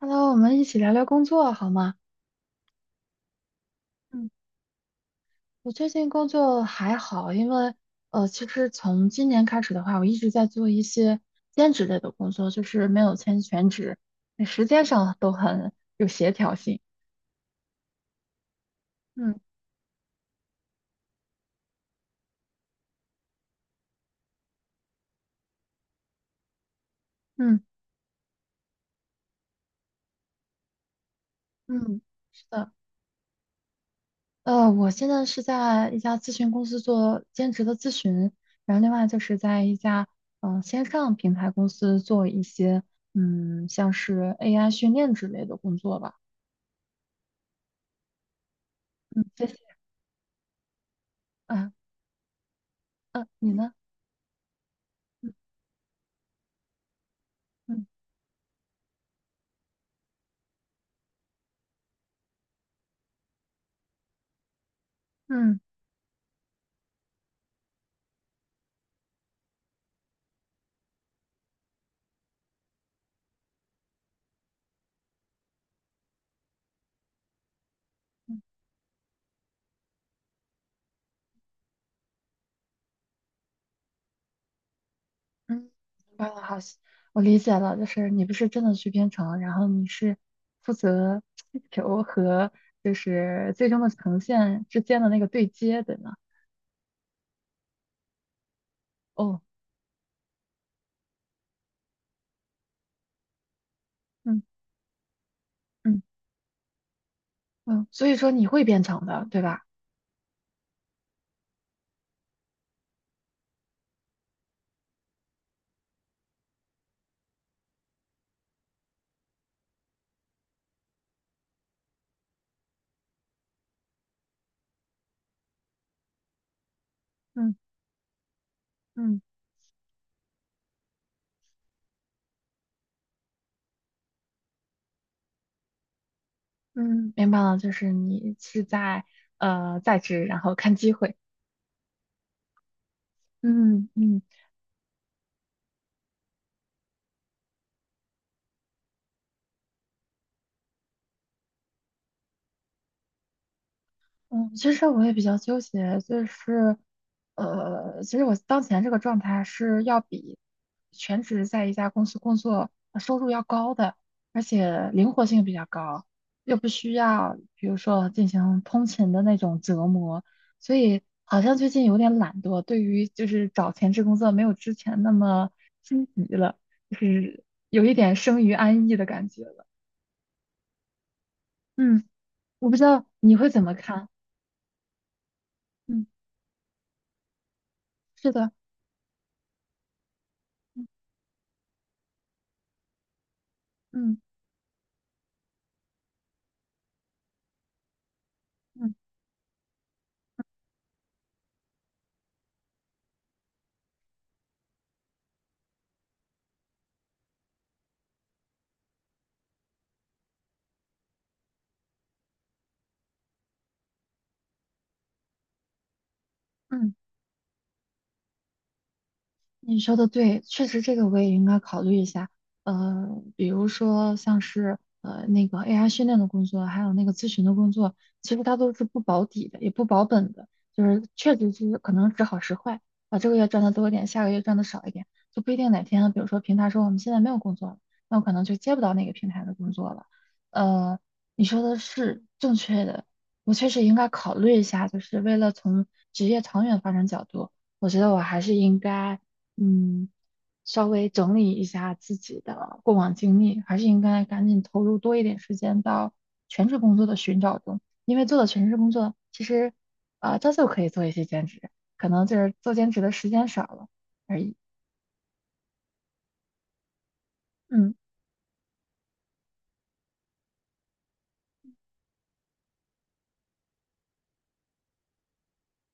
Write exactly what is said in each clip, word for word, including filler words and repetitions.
Hello，我们一起聊聊工作好吗？嗯。我最近工作还好，因为呃，其实从今年开始的话，我一直在做一些兼职类的工作，就是没有签全职，那时间上都很有协调性。嗯嗯，嗯，是的，呃，我现在是在一家咨询公司做兼职的咨询，然后另外就是在一家嗯、呃线上平台公司做一些嗯像是 A I 训练之类的工作吧。嗯，谢谢。嗯嗯，你呢？嗯嗯。嗯，明白了，好，我理解了，就是你不是真的去编程，然后你是负责需求和就是最终的呈现之间的那个对接的呢。哦，嗯嗯嗯，所以说你会编程的，对吧？嗯嗯嗯，明白了，就是你是在呃在职，然后看机会。嗯嗯。嗯，其实我也比较纠结，就是，呃，其实我当前这个状态是要比全职在一家公司工作呃收入要高的，而且灵活性比较高，又不需要比如说进行通勤的那种折磨，所以好像最近有点懒惰，对于就是找全职工作没有之前那么心急了，就是有一点生于安逸的感觉了。嗯，我不知道你会怎么看？嗯，是的，嗯嗯。嗯嗯。你说的对，确实这个我也应该考虑一下。呃，比如说像是呃那个 A I 训练的工作，还有那个咨询的工作，其实它都是不保底的，也不保本的，就是确实是可能时好时坏啊，这个月赚的多一点，下个月赚的少一点，就不一定哪天，比如说平台说我们现在没有工作了，那我可能就接不到那个平台的工作了。呃，你说的是正确的，我确实应该考虑一下，就是为了从职业长远发展角度。我觉得我还是应该，嗯，稍微整理一下自己的过往经历，还是应该赶紧投入多一点时间到全职工作的寻找中。因为做了全职工作，其实啊、照旧可以做一些兼职，可能就是做兼职的时间少了而已。嗯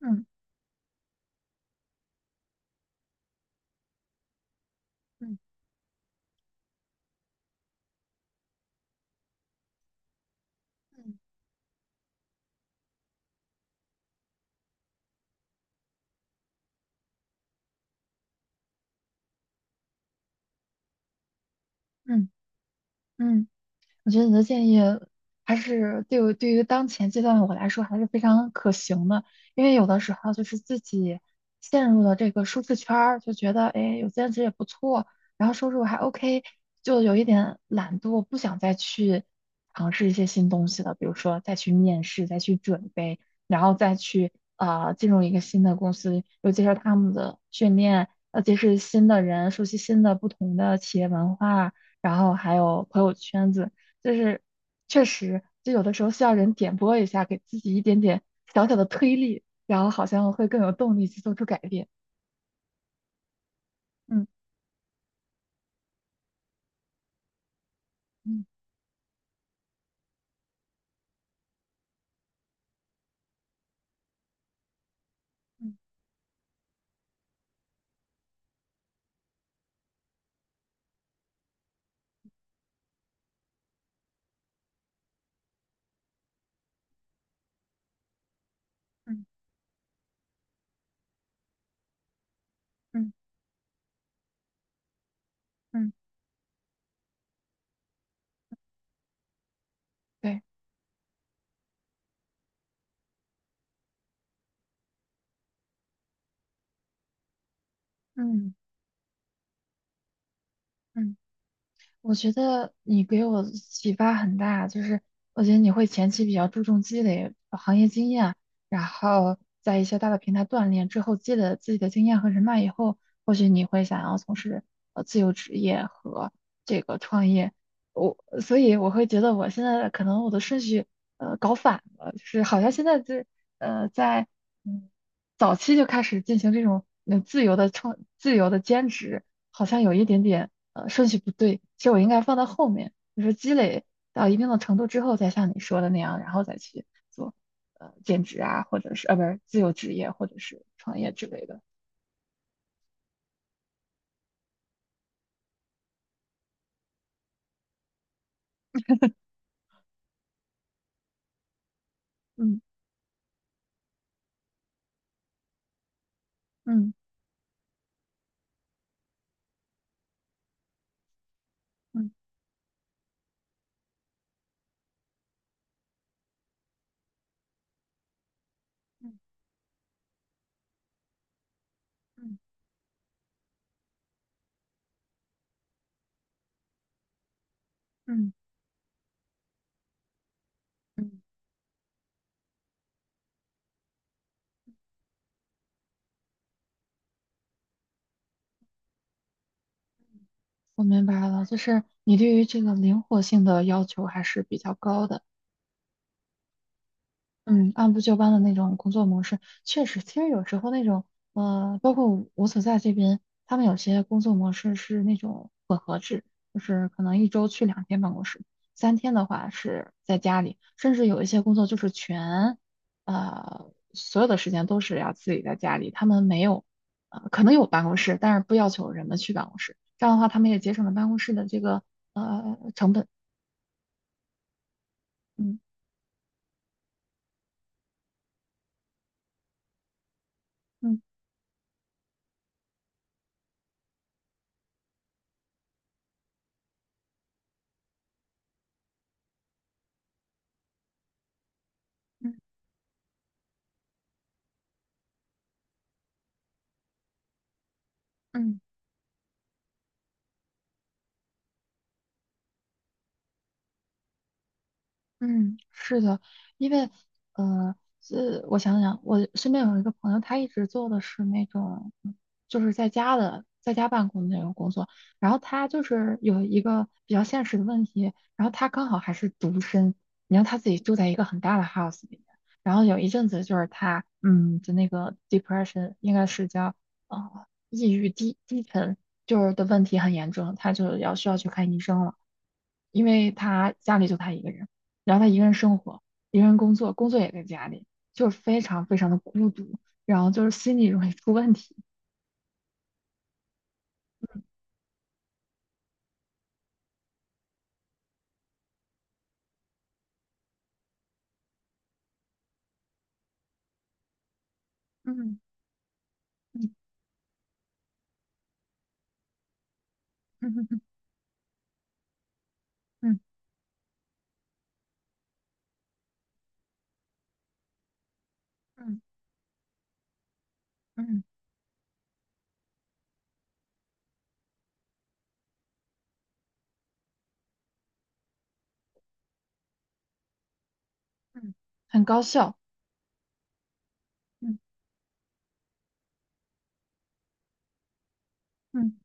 嗯嗯嗯。嗯嗯。嗯我觉得你的建议还是对我对于当前阶段的我来说还是非常可行的，因为有的时候就是自己陷入了这个舒适圈儿，就觉得哎有兼职也不错，然后收入还 OK，就有一点懒惰，不想再去尝试一些新东西了，比如说再去面试，再去准备，然后再去呃进入一个新的公司，又接受他们的训练，呃结识新的人，熟悉新的不同的企业文化。然后还有朋友圈子，就是确实，就有的时候需要人点拨一下，给自己一点点小小的推力，然后好像会更有动力去做出改变。嗯嗯嗯嗯嗯嗯对。嗯嗯。我觉得你给我启发很大，就是我觉得你会前期比较注重积累呃行业经验，然后在一些大的平台锻炼之后，积累了自己的经验和人脉以后，或许你会想要从事呃自由职业和这个创业。我所以我会觉得我现在可能我的顺序呃搞反了，就是好像现在这呃在嗯早期就开始进行这种呃自由的创自由的兼职，好像有一点点。呃顺序不对，其实我应该放到后面，就是积累到一定的程度之后，再像你说的那样，然后再去做呃兼职啊，或者是呃不是自由职业或者是创业之类的。嗯嗯嗯嗯嗯嗯嗯，我明白了，就是你对于这个灵活性的要求还是比较高的。嗯，按部就班的那种工作模式，确实，其实有时候那种，呃，包括我我所在这边，他们有些工作模式是那种混合制，就是可能一周去两天办公室，三天的话是在家里，甚至有一些工作就是全，呃，所有的时间都是要自己在家里，他们没有，呃，可能有办公室，但是不要求人们去办公室，这样的话他们也节省了办公室的这个呃成本。嗯嗯嗯嗯。嗯，是的，因为呃，呃，我想想，我身边有一个朋友，他一直做的是那种，嗯就是在家的，在家办公的那种工作。然后他就是有一个比较现实的问题，然后他刚好还是独身，然后他自己住在一个很大的 house 里面。然后有一阵子就是他，嗯，的那个 depression 应该是叫呃抑郁低低沉，就是的问题很严重，他就要需要去看医生了，因为他家里就他一个人。然后他一个人生活，一个人工作，工作也在家里，就是非常非常的孤独，然后就是心理容易出问题，嗯嗯嗯嗯嗯嗯嗯很高效。嗯嗯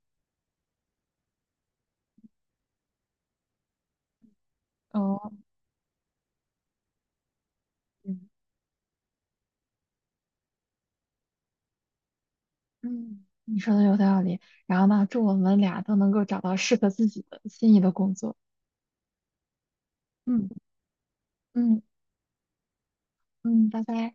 哦，嗯嗯，你说的有道理。然后呢，祝我们俩都能够找到适合自己的心仪的工作。嗯嗯嗯，拜拜。